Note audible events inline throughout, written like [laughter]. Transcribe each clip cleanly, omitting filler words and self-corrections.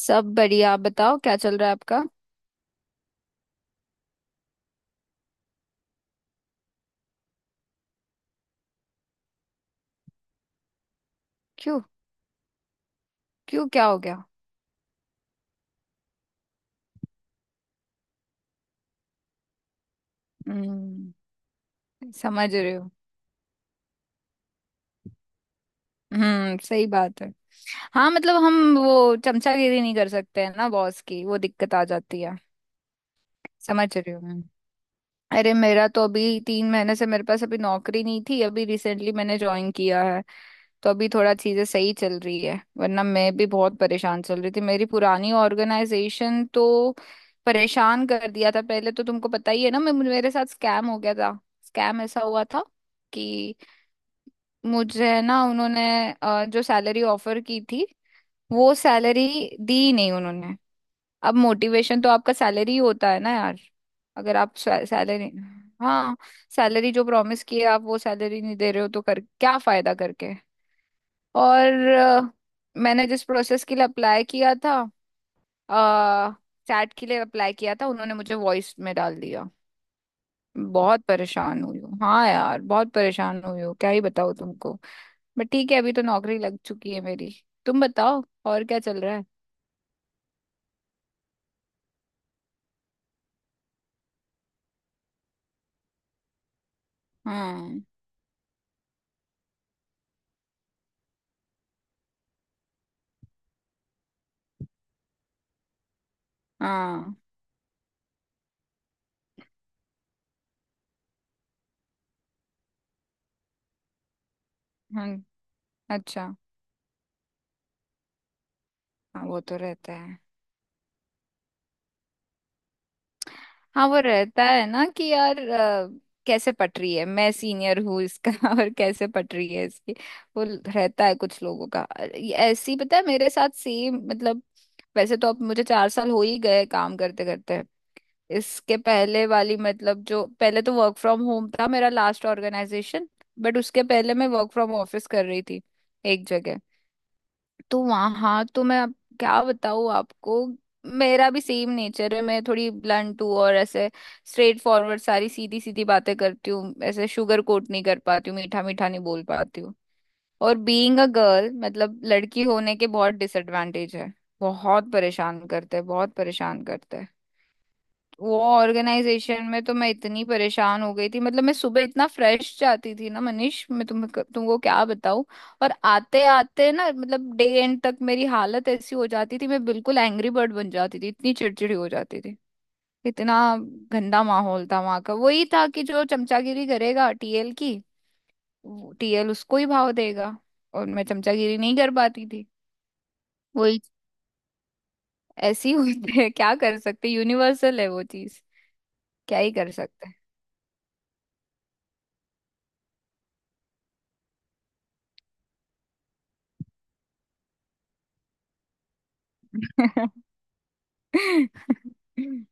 सब बढ़िया। आप बताओ क्या चल रहा है आपका। क्यों। क्यों क्या हो गया। हम्म। समझ रहे हो। हम्म। सही बात है। हाँ मतलब हम वो चमचागिरी नहीं कर सकते हैं ना, बॉस की वो दिक्कत आ जाती है। समझ रही हो। अरे, मेरा तो अभी 3 महीने से मेरे पास अभी नौकरी नहीं थी। अभी रिसेंटली मैंने ज्वाइन किया है। तो अभी थोड़ा चीजें सही चल रही है, वरना मैं भी बहुत परेशान चल रही थी। मेरी पुरानी ऑर्गेनाइजेशन तो परेशान कर दिया था पहले, तो तुमको पता ही है ना, मैं, मेरे साथ स्कैम हो गया था। स्कैम ऐसा हुआ था कि मुझे ना उन्होंने, जो सैलरी ऑफर की थी वो सैलरी दी नहीं उन्होंने। अब मोटिवेशन तो आपका सैलरी ही होता है ना यार। अगर आप सैलरी, हाँ, सैलरी जो प्रॉमिस किए आप वो सैलरी नहीं दे रहे हो तो कर क्या फायदा करके। और मैंने जिस प्रोसेस के लिए अप्लाई किया था, चैट के लिए अप्लाई किया था, उन्होंने मुझे वॉइस में डाल दिया। बहुत परेशान हुई हूँ। हाँ यार, बहुत परेशान हुई हूँ, क्या ही बताऊँ तुमको। बट ठीक है, अभी तो नौकरी लग चुकी है मेरी। तुम बताओ, और क्या चल रहा है। हाँ। हाँ। हाँ। अच्छा। हाँ वो तो रहता है। हाँ वो रहता है ना, कि यार कैसे पट रही है, मैं सीनियर हूँ इसका [laughs] और कैसे पट रही है इसकी। वो रहता है कुछ लोगों का। ये ऐसे ही, पता है मेरे साथ सेम, मतलब वैसे तो अब मुझे 4 साल हो ही गए काम करते करते। इसके पहले वाली, मतलब जो पहले, तो वर्क फ्रॉम होम था मेरा लास्ट ऑर्गेनाइजेशन। बट उसके पहले मैं वर्क फ्रॉम ऑफिस कर रही थी एक जगह। तो वहाँ, हाँ, तो मैं अब क्या बताऊँ आपको। मेरा भी सेम नेचर है, मैं थोड़ी ब्लंट हूँ, और ऐसे स्ट्रेट फॉरवर्ड सारी सीधी सीधी बातें करती हूँ, ऐसे शुगर कोट नहीं कर पाती हूँ, मीठा मीठा नहीं बोल पाती हूँ। और बीइंग अ गर्ल, मतलब लड़की होने के बहुत डिसएडवांटेज है। बहुत परेशान करते हैं, बहुत परेशान करते हैं। वो ऑर्गेनाइजेशन में तो मैं इतनी परेशान हो गई थी, मतलब मैं सुबह इतना फ्रेश जाती थी ना मनीष, मैं तुम्हें तुमको क्या बताऊं। और आते आते ना, मतलब डे एंड तक मेरी हालत ऐसी हो जाती थी, मैं बिल्कुल एंग्री बर्ड बन जाती थी, इतनी चिड़चिड़ी हो जाती थी, इतना गंदा माहौल था वहां का। वही था कि जो चमचागिरी करेगा टीएल की, टीएल उसको ही भाव देगा, और मैं चमचागिरी नहीं कर पाती थी। वही। ऐसी हुई है, क्या कर सकते, यूनिवर्सल है वो चीज। क्या ही कर सकते हैं। [laughs] [laughs]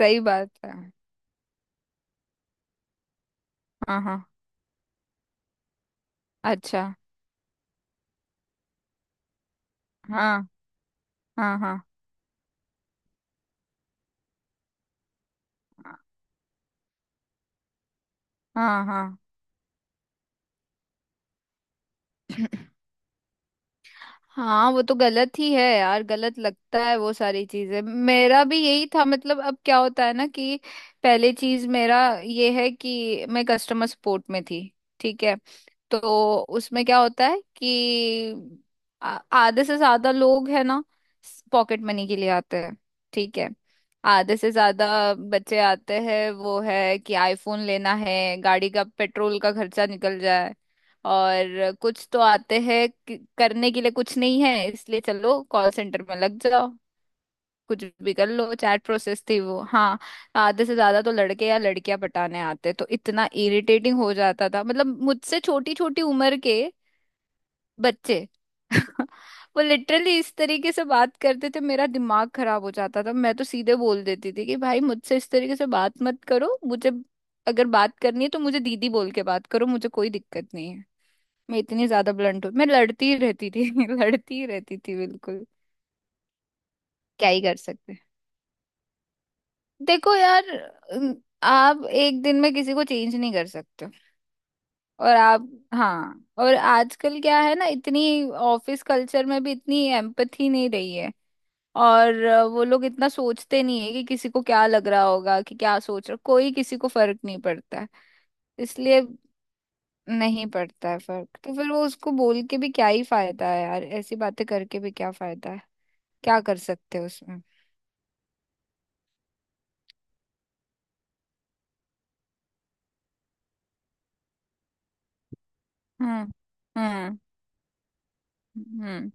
सही बात है। हाँ हाँ। अच्छा। हाँ। हाँ। हाँ। हाँ। हाँ। हाँ वो तो गलत ही है यार, गलत लगता है वो सारी चीजें, मेरा भी यही था, मतलब अब क्या होता है ना कि, पहले चीज मेरा ये है कि मैं कस्टमर सपोर्ट में थी। ठीक है। तो उसमें क्या होता है कि आधे से ज्यादा लोग है ना, पॉकेट मनी के लिए आते हैं। ठीक है। आधे से ज्यादा बच्चे आते हैं, वो है कि आईफोन लेना है, गाड़ी का पेट्रोल का खर्चा निकल जाए, और कुछ तो आते हैं करने के लिए कुछ नहीं है इसलिए चलो कॉल सेंटर में लग जाओ, कुछ भी कर लो। चैट प्रोसेस थी वो, हाँ। आधे से ज्यादा तो लड़के या लड़कियां पटाने आते, तो इतना इरिटेटिंग हो जाता था, मतलब मुझसे छोटी छोटी उम्र के बच्चे। [laughs] वो लिटरली इस तरीके से बात करते थे, मेरा दिमाग खराब हो जाता था, मैं तो सीधे बोल देती थी कि भाई मुझसे इस तरीके से बात मत करो, मुझे अगर बात करनी है तो मुझे दीदी बोल के बात करो, मुझे कोई दिक्कत नहीं है। मैं इतनी ज्यादा ब्लंट हूँ, मैं लड़ती ही रहती थी [laughs] लड़ती ही रहती थी बिल्कुल। क्या ही कर सकते हैं। देखो यार, अम, आप एक दिन में किसी को चेंज नहीं कर सकते। और आप, हाँ, और आजकल क्या है ना, इतनी ऑफिस कल्चर में भी इतनी एम्पथी नहीं रही है। और वो लोग इतना सोचते नहीं है कि किसी को क्या लग रहा होगा, कि क्या सोच रहा, कोई किसी को फर्क नहीं पड़ता है। इसलिए नहीं पड़ता है फर्क, तो फिर वो उसको बोल के भी क्या ही फायदा है यार, ऐसी बातें करके भी क्या फायदा है, क्या कर सकते हो उसमें। हम्म। हम्म। हम्म।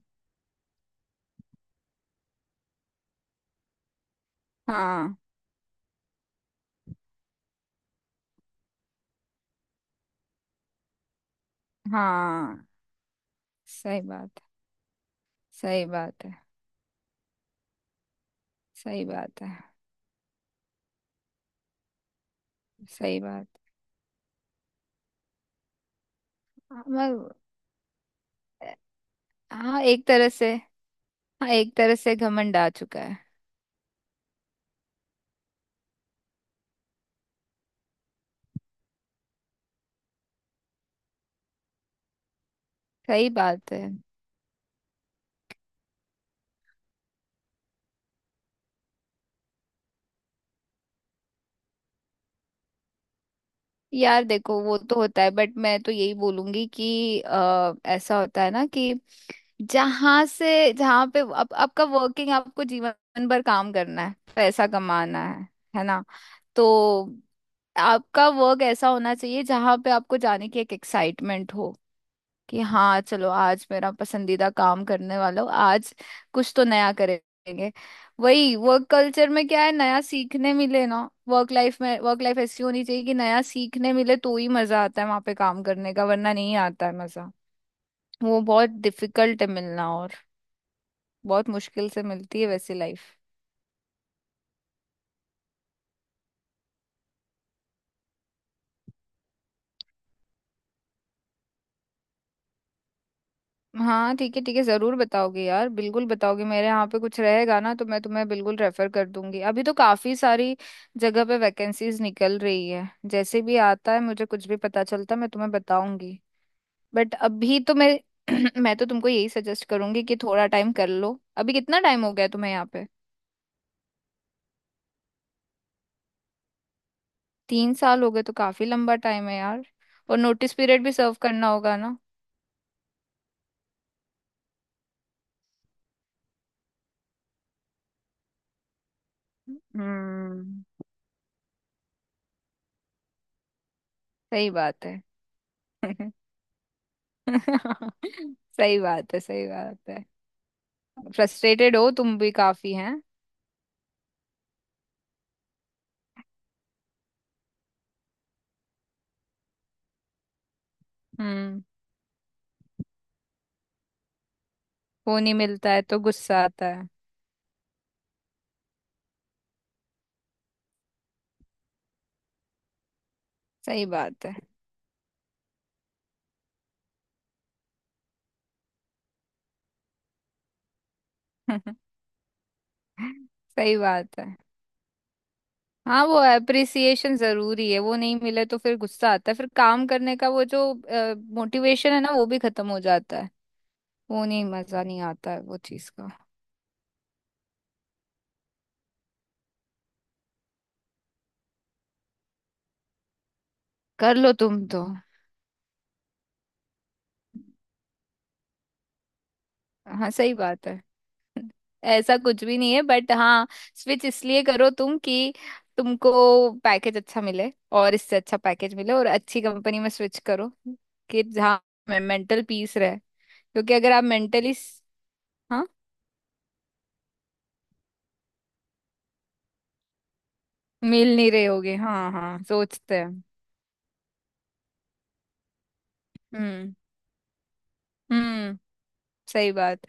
हाँ। हाँ। सही बात है। सही बात है। सही बात है। सही बात। हाँ मगर। हाँ, एक तरह से। हाँ, एक तरह से घमंड आ चुका है। सही बात है। यार देखो, वो तो होता है, बट मैं तो यही बोलूंगी कि ऐसा होता है ना कि, जहां से, जहां पे अब आपका वर्किंग, आपको जीवन भर काम करना है, पैसा कमाना है ना। तो आपका वर्क ऐसा होना चाहिए जहां पे आपको जाने की एक एक्साइटमेंट हो, कि हाँ चलो आज मेरा पसंदीदा काम करने वाला हो आज, कुछ तो नया करेंगे। वही वर्क कल्चर में क्या है, नया सीखने मिले ना, वर्क लाइफ में, वर्क लाइफ ऐसी होनी चाहिए कि नया सीखने मिले तो ही मजा आता है वहां पे काम करने का, वरना नहीं आता है मजा। वो बहुत डिफिकल्ट है मिलना, और बहुत मुश्किल से मिलती है वैसी लाइफ। हाँ ठीक है, ठीक है, जरूर बताओगे यार, बिल्कुल बताओगे। मेरे यहाँ पे कुछ रहेगा ना तो मैं तुम्हें बिल्कुल रेफर कर दूंगी, अभी तो काफी सारी जगह पे वैकेंसीज निकल रही है, जैसे भी आता है मुझे, कुछ भी पता चलता है, मैं तुम्हें बताऊंगी। बट अभी तो मैं, [clears throat] मैं तो तुमको यही सजेस्ट करूंगी कि थोड़ा टाइम कर लो, अभी कितना टाइम हो गया तुम्हें यहाँ पे। 3 साल हो गए तो काफी लंबा टाइम है यार, और नोटिस पीरियड भी सर्व करना होगा ना। हम्म। सही बात है। [laughs] [laughs] सही बात है। सही बात है। फ्रस्ट्रेटेड हो तुम भी काफी हैं। हम्म। वो नहीं मिलता है तो गुस्सा आता है। सही बात है। [laughs] सही बात है। हाँ, वो अप्रिसिएशन जरूरी है, वो नहीं मिले तो फिर गुस्सा आता है, फिर काम करने का वो जो मोटिवेशन है ना, वो भी खत्म हो जाता है, वो नहीं, मजा नहीं आता है वो चीज का। कर लो तुम तो। हाँ सही बात है, ऐसा कुछ भी नहीं है, बट हाँ, स्विच इसलिए करो तुम कि तुमको पैकेज अच्छा मिले, और इससे अच्छा पैकेज मिले और अच्छी कंपनी में स्विच करो कि जहाँ मेंटल पीस रहे, क्योंकि अगर आप मेंटली, हाँ। मिल नहीं रहे होगे, हाँ हाँ, सोचते हैं। हम्म। हम्म। सही बात।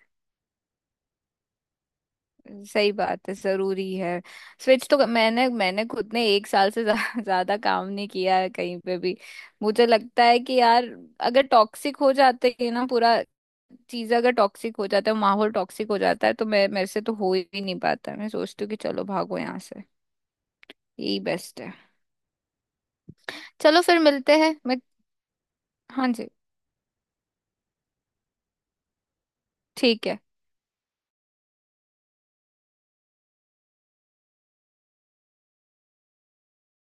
सही बात है, जरूरी है। स्विच तो मैंने मैंने खुद ने एक साल से ज्यादा [laughs] काम नहीं किया है कहीं पे भी। मुझे लगता है कि यार, अगर टॉक्सिक हो जाते हैं ना पूरा, चीज अगर टॉक्सिक हो जाता है, माहौल टॉक्सिक हो जाता है, तो मैं, मेरे से तो हो ही नहीं पाता, मैं सोचती हूँ कि चलो भागो यहाँ से, यही बेस्ट है। चलो फिर मिलते हैं मैं। हाँ जी। ठीक है।